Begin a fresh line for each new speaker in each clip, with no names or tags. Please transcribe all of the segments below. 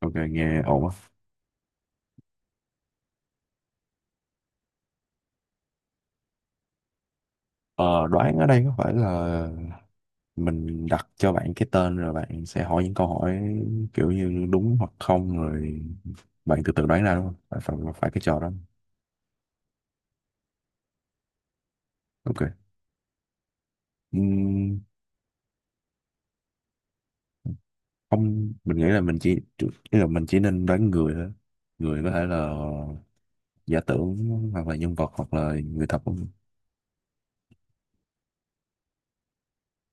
Ok, nghe ổn á. Ờ, đoán ở đây có phải là mình đặt cho bạn cái tên rồi bạn sẽ hỏi những câu hỏi kiểu như đúng hoặc không rồi bạn tự tự đoán ra đúng không? Phải, phải, phải cái trò đó. Ok. Ừm, Không, mình nghĩ là mình chỉ ý là mình chỉ nên đoán người thôi. Người có thể là giả tưởng hoặc là nhân vật hoặc là người thật của mình.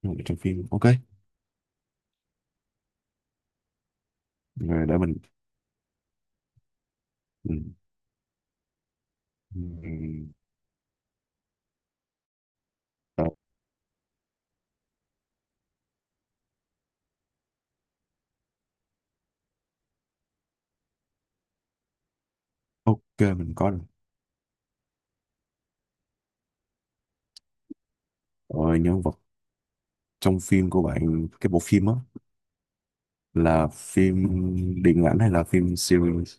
Nhân vật trong phim. Ok. Rồi để mình ừm, ừm, ờ, ok mình có rồi. Rồi nhân vật trong phim của bạn cái bộ phim á là phim điện ảnh hay là phim series.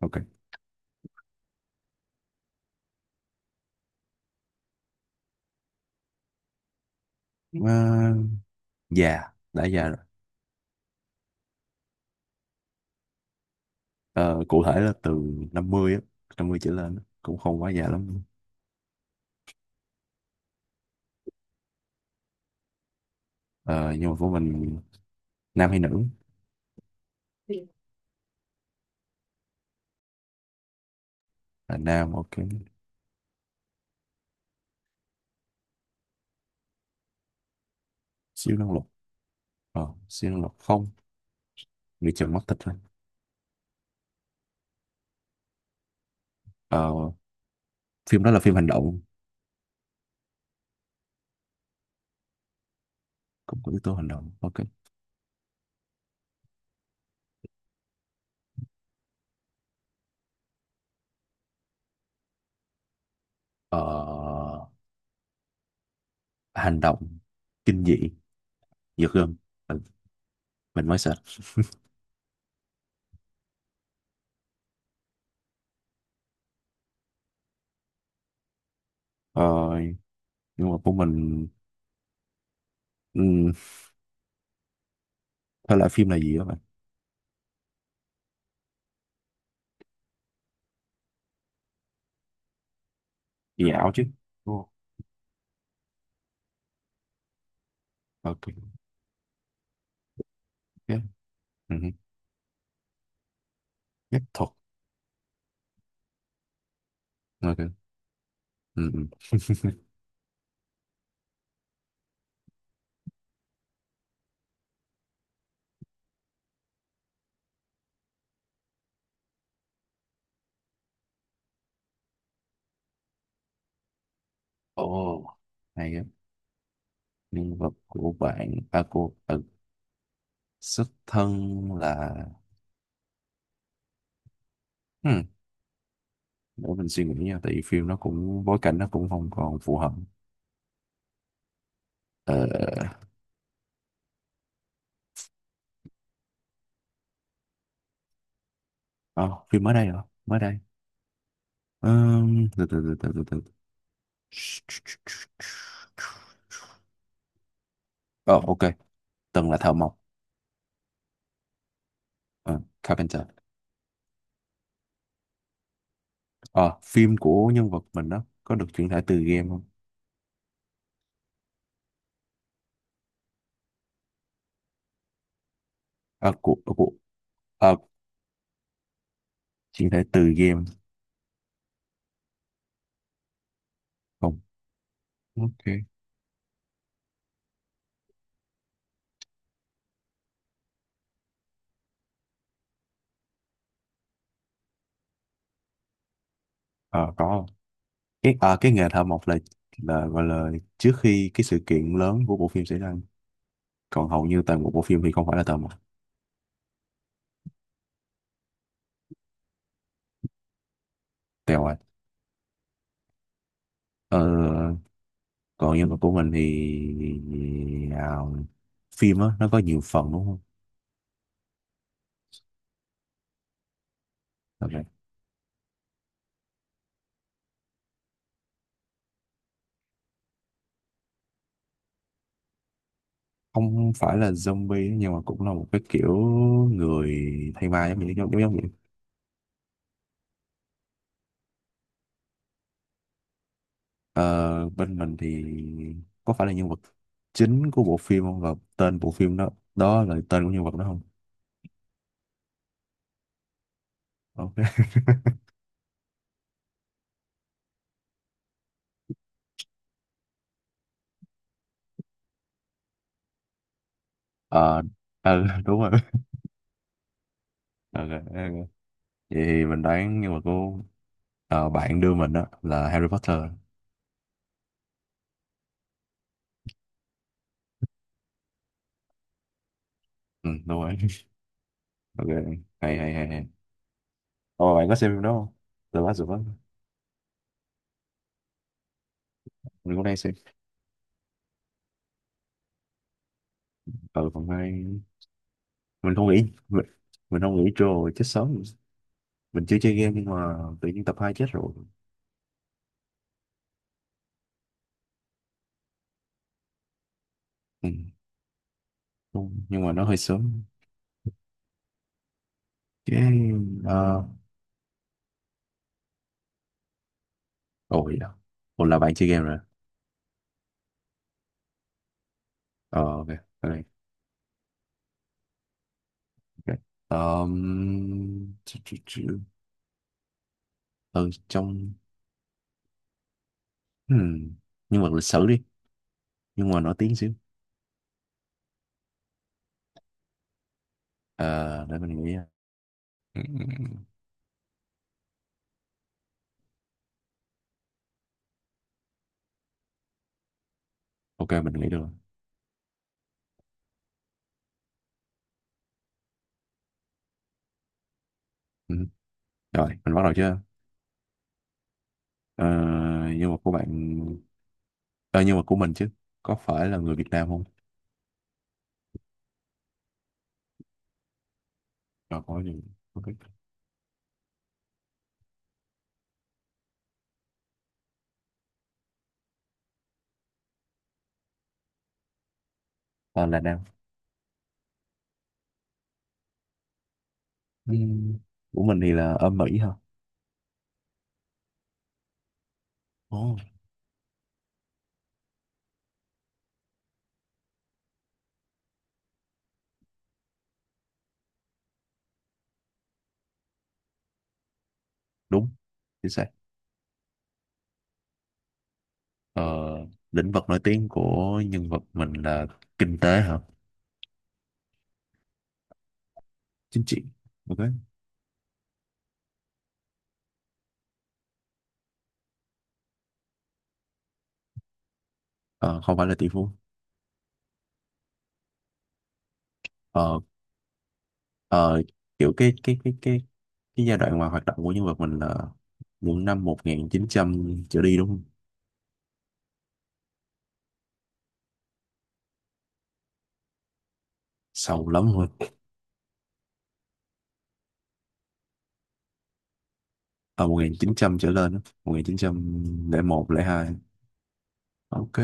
Ok. À, già đã già rồi. Ờ, cụ thể là từ 50 á, 50 trở lên á, cũng không quá già lắm. Ờ, nhưng mà của mình nam hay nữ. Là nam, ok. Siêu năng lực, ờ, siêu năng lực không, người chồng mắt thịt thôi. Ờ, phim đó là phim hành động, cũng có yếu tố hành động, ok. Ờ, hành động kinh dị giật gân, mình, mình mới sợ. Ờ, nhưng mà của mình, ừ, thể loại phim là gì đó. Dạo chứ, đúng, ok, tiếp, ừ. Phép thuật, ok, ừ, ừ. Ồ, hay á. Nhân vật của bạn à của, ừ, xuất thân là, ừ, để mình suy nghĩ nha tại vì phim nó cũng bối cảnh nó cũng không còn phù hợp, ờ. À, phim mới đây hả, mới đây. Từ từ từ từ từ từ ờ ok, từng là thợ mộc. Ờ, carpenter. Ờ, phim của nhân vật mình đó có được chuyển thể từ game không? à, của của à, chuyển thể từ game không, ok. Ờ, có không? Cái à, cái nghề thợ mộc là gọi là trước khi cái sự kiện lớn của bộ phim xảy ra, còn hầu như toàn bộ bộ phim thì không phải là thợ mộc. Tèo à. Ờ, còn nhân vật của mình thì, à, phim á nó có nhiều phần đúng không. Ok. Không phải là zombie nhưng mà cũng là một cái kiểu người thay ma giống như giống giống giống vậy. Ờ, bên mình thì có phải là nhân vật chính của bộ phim không và tên bộ phim đó đó là tên của nhân vật đó không? Ok. Ờ, ừ, đúng rồi. Ờ, ờ, ờ. Vậy thì mình đoán nhưng mà cô, ờ, bạn đưa mình á là Harry Potter. Ừ, đúng rồi. Ok, hay hay hay hay. Ồ, bạn có xem phim đó không? The Last of Us. Mình cũng đang xem. Ở phần 2. Mình không nghĩ, mình, mình không nghĩ rồi chết sớm. Mình chưa chơi game nhưng mà tự nhiên tập 2 chết rồi. Ừ, đúng. Nhưng mà nó hơi sớm. Chứ, ờ, ồ, vậy đó. Ồ, là bạn chơi game rồi. Ờ, ok, ok. Ok. Ờm, ừ, trong hmm, nhưng mà lịch sử đi, nhưng mà nổi tiếng xíu. Ờ, để mình nghĩ. Ừ, ừ, ừ. Ok mình nghĩ được rồi. Ừ. Rồi mình bắt đầu chưa. Ờ, nhưng mà của bạn, ờ, nhưng mà của mình chứ, có phải là người Việt Nam không? Ờ, có gì, ok. Ờ, là Nam. Ừ. Của mình thì là ở Mỹ hả. Ồ, đúng chính xác. Ờ, lĩnh vực nổi tiếng của nhân vật mình là kinh tế hả. Chính trị, ok. Ờ, không phải là tỷ phú. Ờ, ờ, kiểu cái giai đoạn mà hoạt động của nhân vật mình là những năm 1900 trở đi đúng không? Sâu lắm luôn. Ở 1900 trở lên á. 1901, lẻ hai, ok.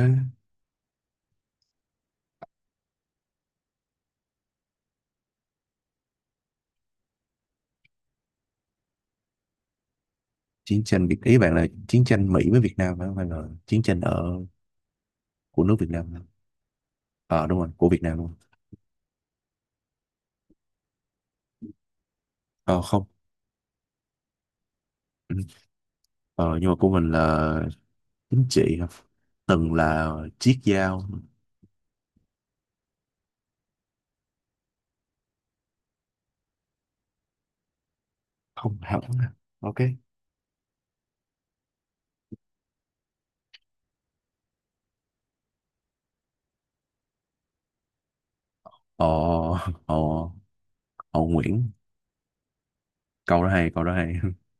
Chiến tranh Việt, ý bạn là chiến tranh Mỹ với Việt Nam phải không hay là chiến tranh ở của nước Việt Nam. Ờ, đúng rồi, của Việt Nam luôn. Ờ, không. Ừ. Ờ, nhưng mà của mình là chính trị hả? Từng là chiếc dao. Không hẳn, ok. ờ ờ ờ Nguyễn. Câu đó hay, câu đó hay.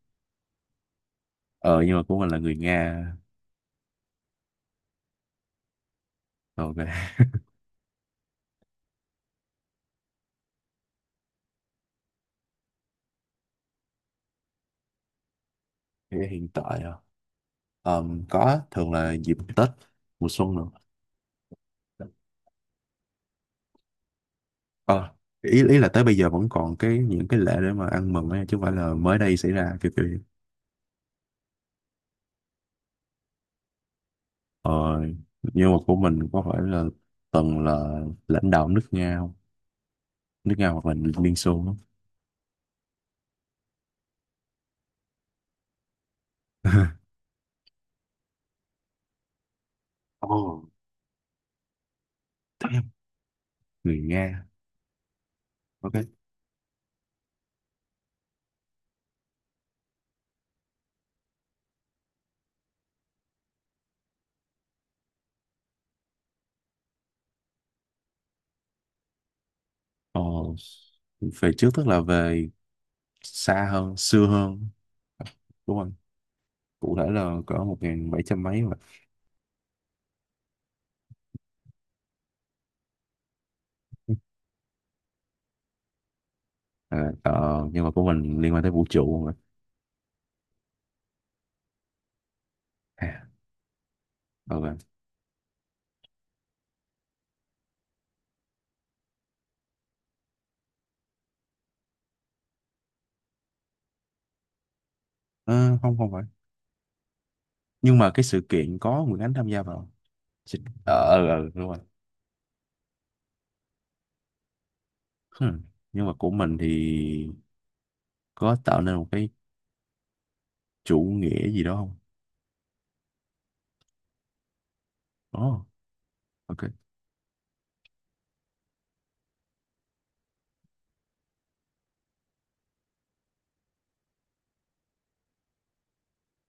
Ờ, nhưng mà của mình là người Nga. Ok. Thì hiện tại à, có thường là dịp Tết mùa xuân nữa. Ờ, ý ý là tới bây giờ vẫn còn cái những cái lễ để mà ăn mừng ấy, chứ không phải là mới đây xảy ra kiểu kiểu vậy. Ờ, nhưng mà của mình có phải là từng là lãnh đạo nước Nga không, nước Nga hoặc là Liên Xô không? Ồ, damn, người Nga, ok. Ồ, về trước tức là về xa hơn, xưa hơn đúng không? Cụ thể là cỡ 1700 mấy mà. Ờ, ờ, nhưng mà của mình liên quan tới vũ trụ mà. À, ờ vâng. Ờ, không không phải, nhưng mà cái sự kiện có Nguyễn Ánh tham gia vào. Chị-, đúng rồi. Hmm. Nhưng mà của mình thì có tạo nên một cái chủ nghĩa gì đó không? Ồ, ok.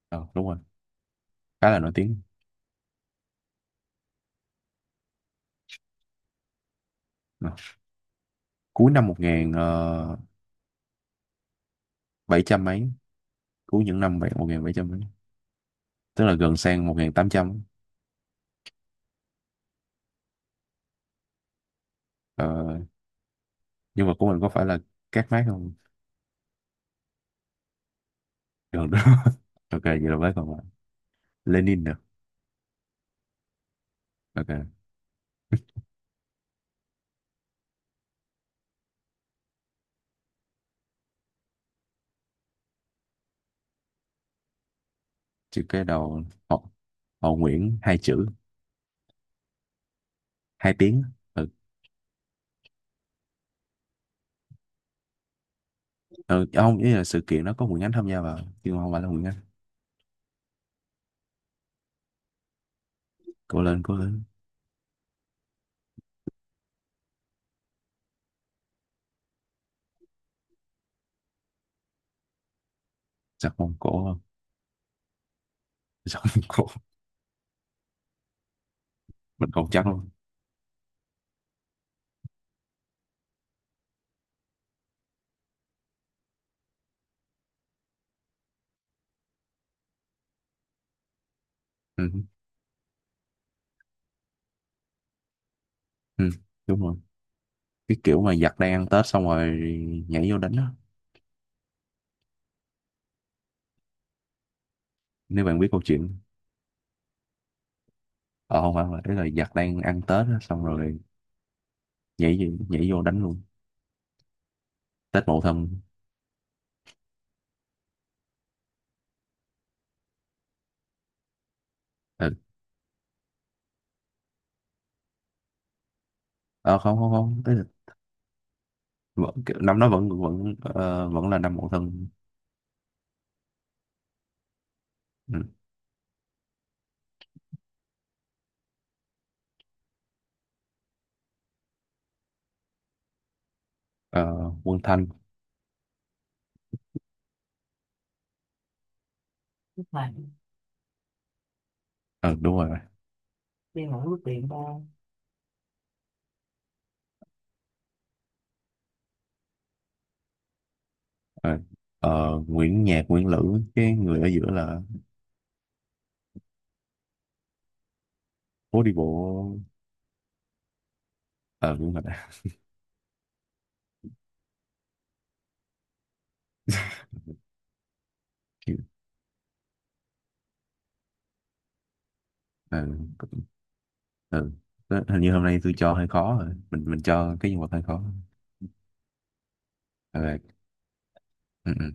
Ờ, đúng rồi, khá là nổi tiếng. Ờ. Cuối năm 1700 mấy, cuối những năm 1700 mấy, tức là gần sang 1800. Ờ, nhưng mà của mình có phải là Các Mác không? Gần đó, ok vậy là với còn lại Lenin được, ok. Chữ cái đầu. Họ, họ Nguyễn, hai chữ, hai tiếng, ừ. Ừ, ông ý là sự kiện nó có Nguyễn Ánh tham gia vào chứ không phải là Nguyễn Ánh. Cố lên cố lên. Giặt Mông Cổ không, giặt Mông Cổ. Mình còn chắc luôn. Ừ, ừ, đúng rồi. Cái kiểu mà giặt đang ăn Tết xong rồi nhảy vô đánh á. Nếu bạn biết câu chuyện, ờ không phải, mà ý là giặt đang ăn Tết á xong rồi nhảy vô đánh luôn. Tết Mậu Thân. Ừ. Ờ, không không không, ý là vẫn, năm đó vẫn vẫn ờ, vẫn là năm Mậu Thân. Ừ. Ờ, Quân Thanh. Lúc này, ừ, đúng rồi. À, ờ, Nguyễn Nhạc Nguyễn Lữ, cái người ở giữa là phố đi bộ. Ờ, đúng rồi đã. Chịu. Ờ, ừ, ờ. Đó, hình như hôm nay tôi cho hơi khó rồi, mình cho cái nhân vật hơi khó. Ờ, ừ, ừ.